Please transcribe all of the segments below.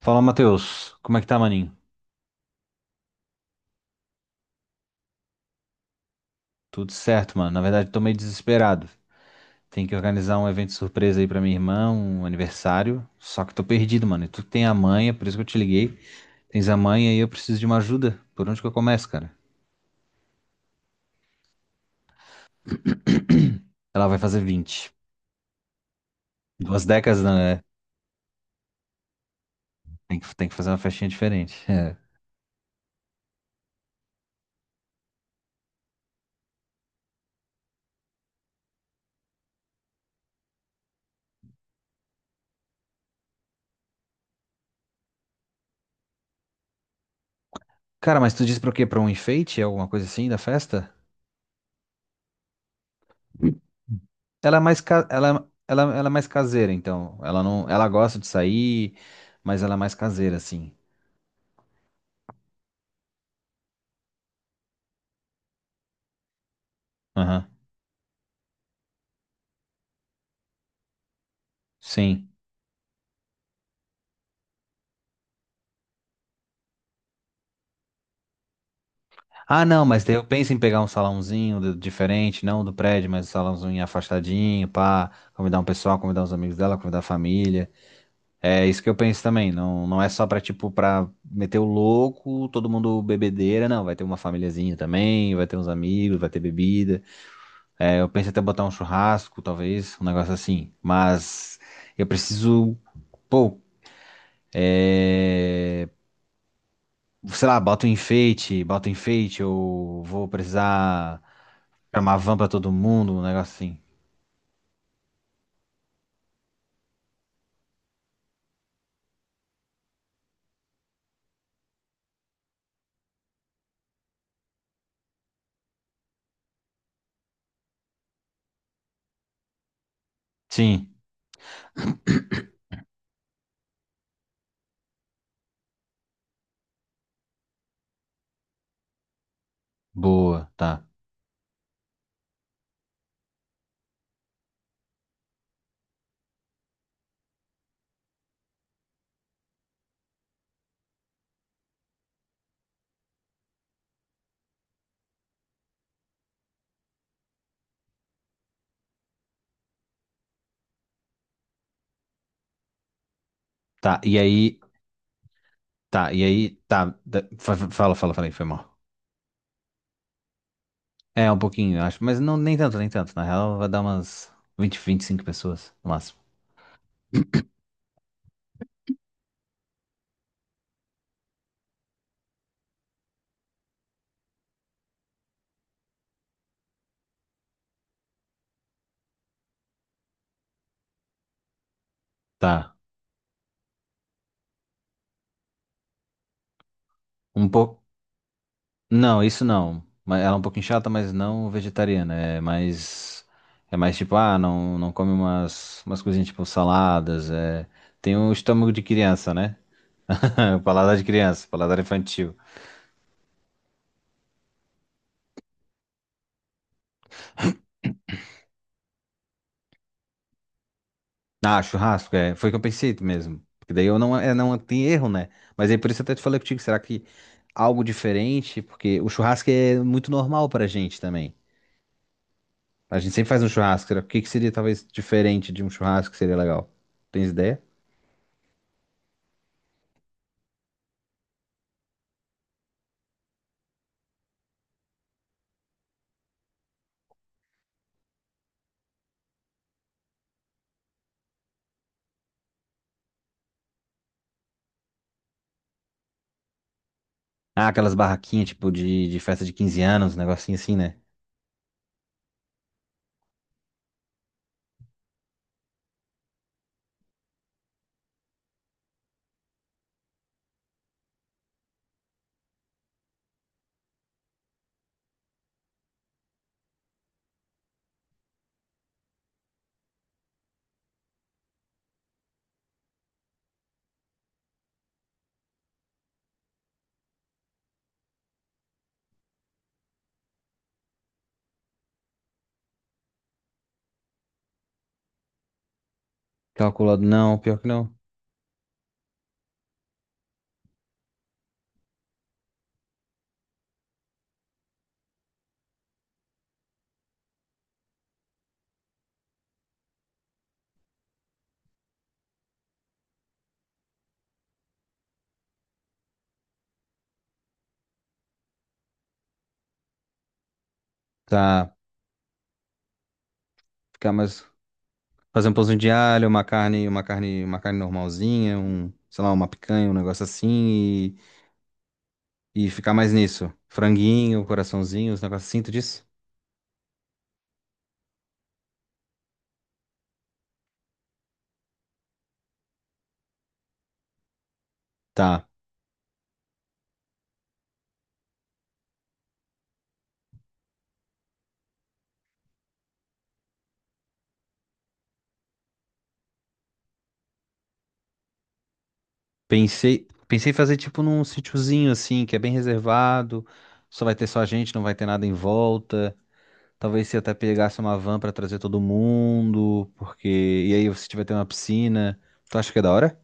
Fala, Matheus. Como é que tá, maninho? Tudo certo, mano. Na verdade, tô meio desesperado. Tem que organizar um evento surpresa aí pra minha irmã, um aniversário. Só que tô perdido, mano. E tu tem a manha, por isso que eu te liguei. Tens a manha e eu preciso de uma ajuda. Por onde que eu começo, cara? Ela vai fazer 20. 2 décadas, não é? Tem que fazer uma festinha diferente. É. Cara, mas tu disse pra o quê? Pra um enfeite? É alguma coisa assim da festa? Ela é mais ca... ela, ela é mais caseira, então. Ela não, ela gosta de sair, mas ela é mais caseira, assim. Aham, sim. Ah, não, mas daí eu penso em pegar diferente, não do prédio, mas um salãozinho afastadinho, pá, convidar um pessoal, convidar uns amigos dela, convidar a família. É isso que eu penso também, não, não é só pra, tipo, pra meter o louco, todo mundo bebedeira. Não, vai ter uma famíliazinha também, vai ter uns amigos, vai ter bebida. É, eu penso até botar um churrasco, talvez, um negócio assim, mas eu preciso, pô, é, sei lá, bota um enfeite, ou vou precisar comprar uma van pra todo mundo, um negócio assim. Sim, boa, tá. Tá, e aí, tá, e aí, tá. da- fa- fa- Fala, fala, falei, foi mal. É, um pouquinho, eu acho, mas não, nem tanto, nem tanto. Na real, vai dar umas 20, 25 pessoas, no máximo. Tá, um pouco. Não, isso não. Mas ela é um pouquinho chata, mas não vegetariana. É mais tipo, ah, não, não come umas coisinhas tipo saladas. É... Tem o estômago de criança, né? Paladar de criança, paladar infantil. Ah, churrasco, é. Foi o que eu pensei mesmo. Porque daí eu não, é, não tem erro, né? Mas aí por isso eu até te falei contigo, será que algo diferente? Porque o churrasco é muito normal pra gente também. A gente sempre faz um churrasco. O que que seria talvez diferente de um churrasco que seria legal? Tens ideia? Ah, aquelas barraquinhas tipo de festa de 15 anos, um negocinho assim, né? Calculado, não, pior que não. Tá, ficar mais. Fazer um pãozinho de alho, uma carne normalzinha, um, sei lá, uma picanha, um negócio assim e ficar mais nisso. Franguinho, coraçãozinho, os negócios assim, tu disse? Tá. Pensei em fazer tipo num sítiozinho assim, que é bem reservado, só vai ter só a gente, não vai ter nada em volta. Talvez se até pegasse uma van pra trazer todo mundo, porque e aí se tiver ter uma piscina, tu acha que é da hora?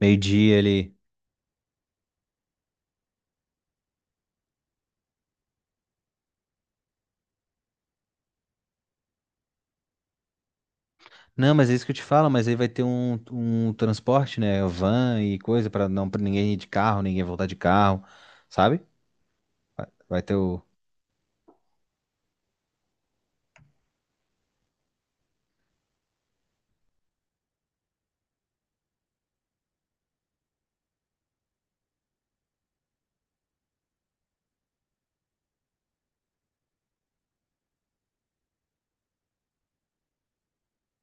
Meio-dia ali. Não, mas é isso que eu te falo, mas aí vai ter um transporte, né? Van e coisa pra não para ninguém ir de carro, ninguém voltar de carro, sabe? Vai ter o.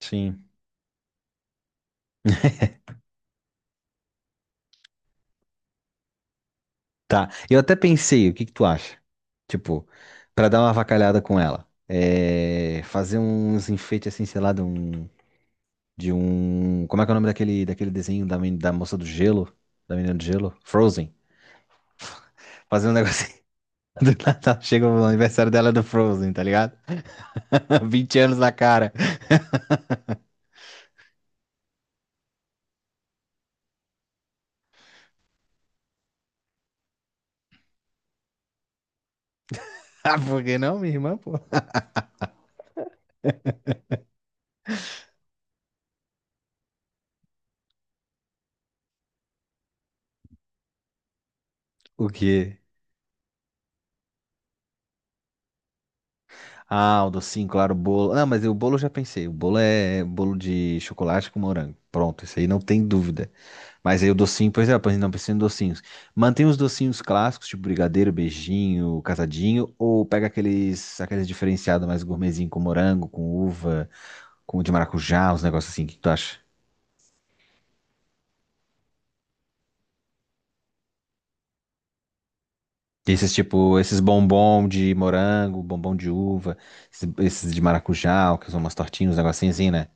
Sim. Tá. Eu até pensei, o que que tu acha? Tipo, pra dar uma avacalhada com ela. É, fazer uns enfeites assim, sei lá, de um. De um. Como é que é o nome daquele desenho da da moça do gelo? Da menina do gelo? Frozen. Fazer um negocinho. Do Natal chega o aniversário dela do Frozen, tá ligado? 20 anos na cara. Ah, por que não, minha irmã, pô? O quê? Ah, o docinho, claro, o bolo. Ah, mas o bolo eu já pensei. O bolo é bolo de chocolate com morango. Pronto, isso aí não tem dúvida. Mas aí o docinho, pois é, pois não pensei em docinhos. Mantém os docinhos clássicos, tipo brigadeiro, beijinho, casadinho, ou pega aqueles diferenciados mais gourmetzinho com morango, com uva, com de maracujá, uns negócios assim. O que tu acha? Esses tipo, esses bombom de morango, bombom de uva, esses de maracujá, que são umas tortinhas, uns negocinhos assim, né?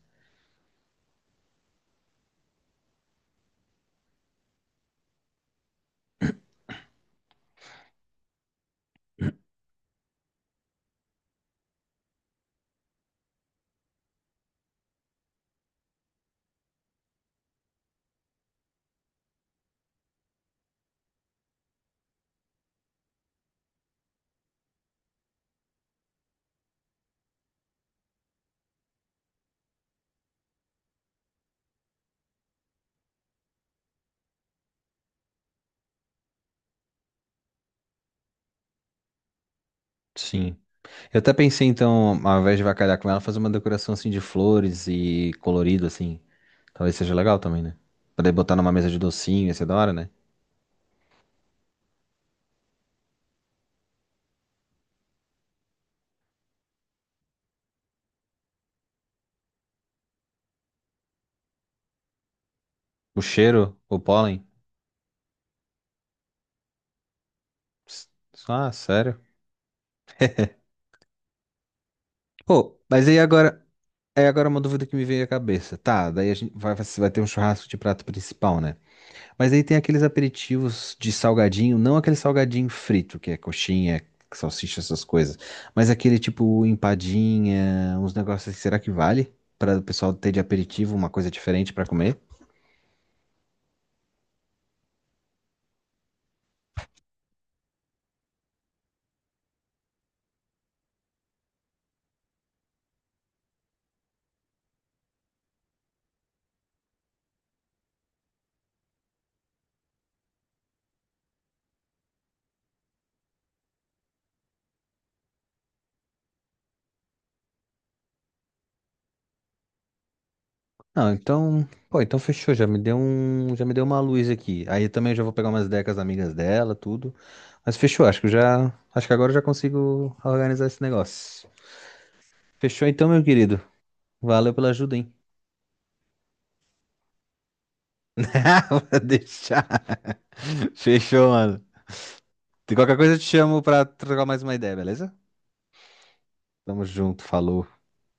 Sim. Eu até pensei, então, ao invés de avacalhar com ela, fazer uma decoração assim de flores e colorido, assim. Talvez seja legal também, né? Poder botar numa mesa de docinho, ia ser da hora, né? O cheiro, o pólen. Ps, ah, sério? Pô, mas aí agora é agora uma dúvida que me veio à cabeça. Tá, daí a gente vai, vai ter um churrasco de prato principal, né? Mas aí tem aqueles aperitivos de salgadinho, não aquele salgadinho frito, que é coxinha, salsicha, essas coisas, mas aquele tipo empadinha, uns negócios assim, será que vale para o pessoal ter de aperitivo uma coisa diferente para comer? Não, então, pô, então fechou, já me deu uma luz aqui. Aí eu também já vou pegar umas decas amigas dela, tudo. Mas fechou, acho que eu já, acho que agora eu já consigo organizar esse negócio. Fechou então, meu querido. Valeu pela ajuda, hein? Vou deixar. Fechou, mano. De qualquer coisa eu te chamo pra trocar mais uma ideia, beleza? Tamo junto, falou.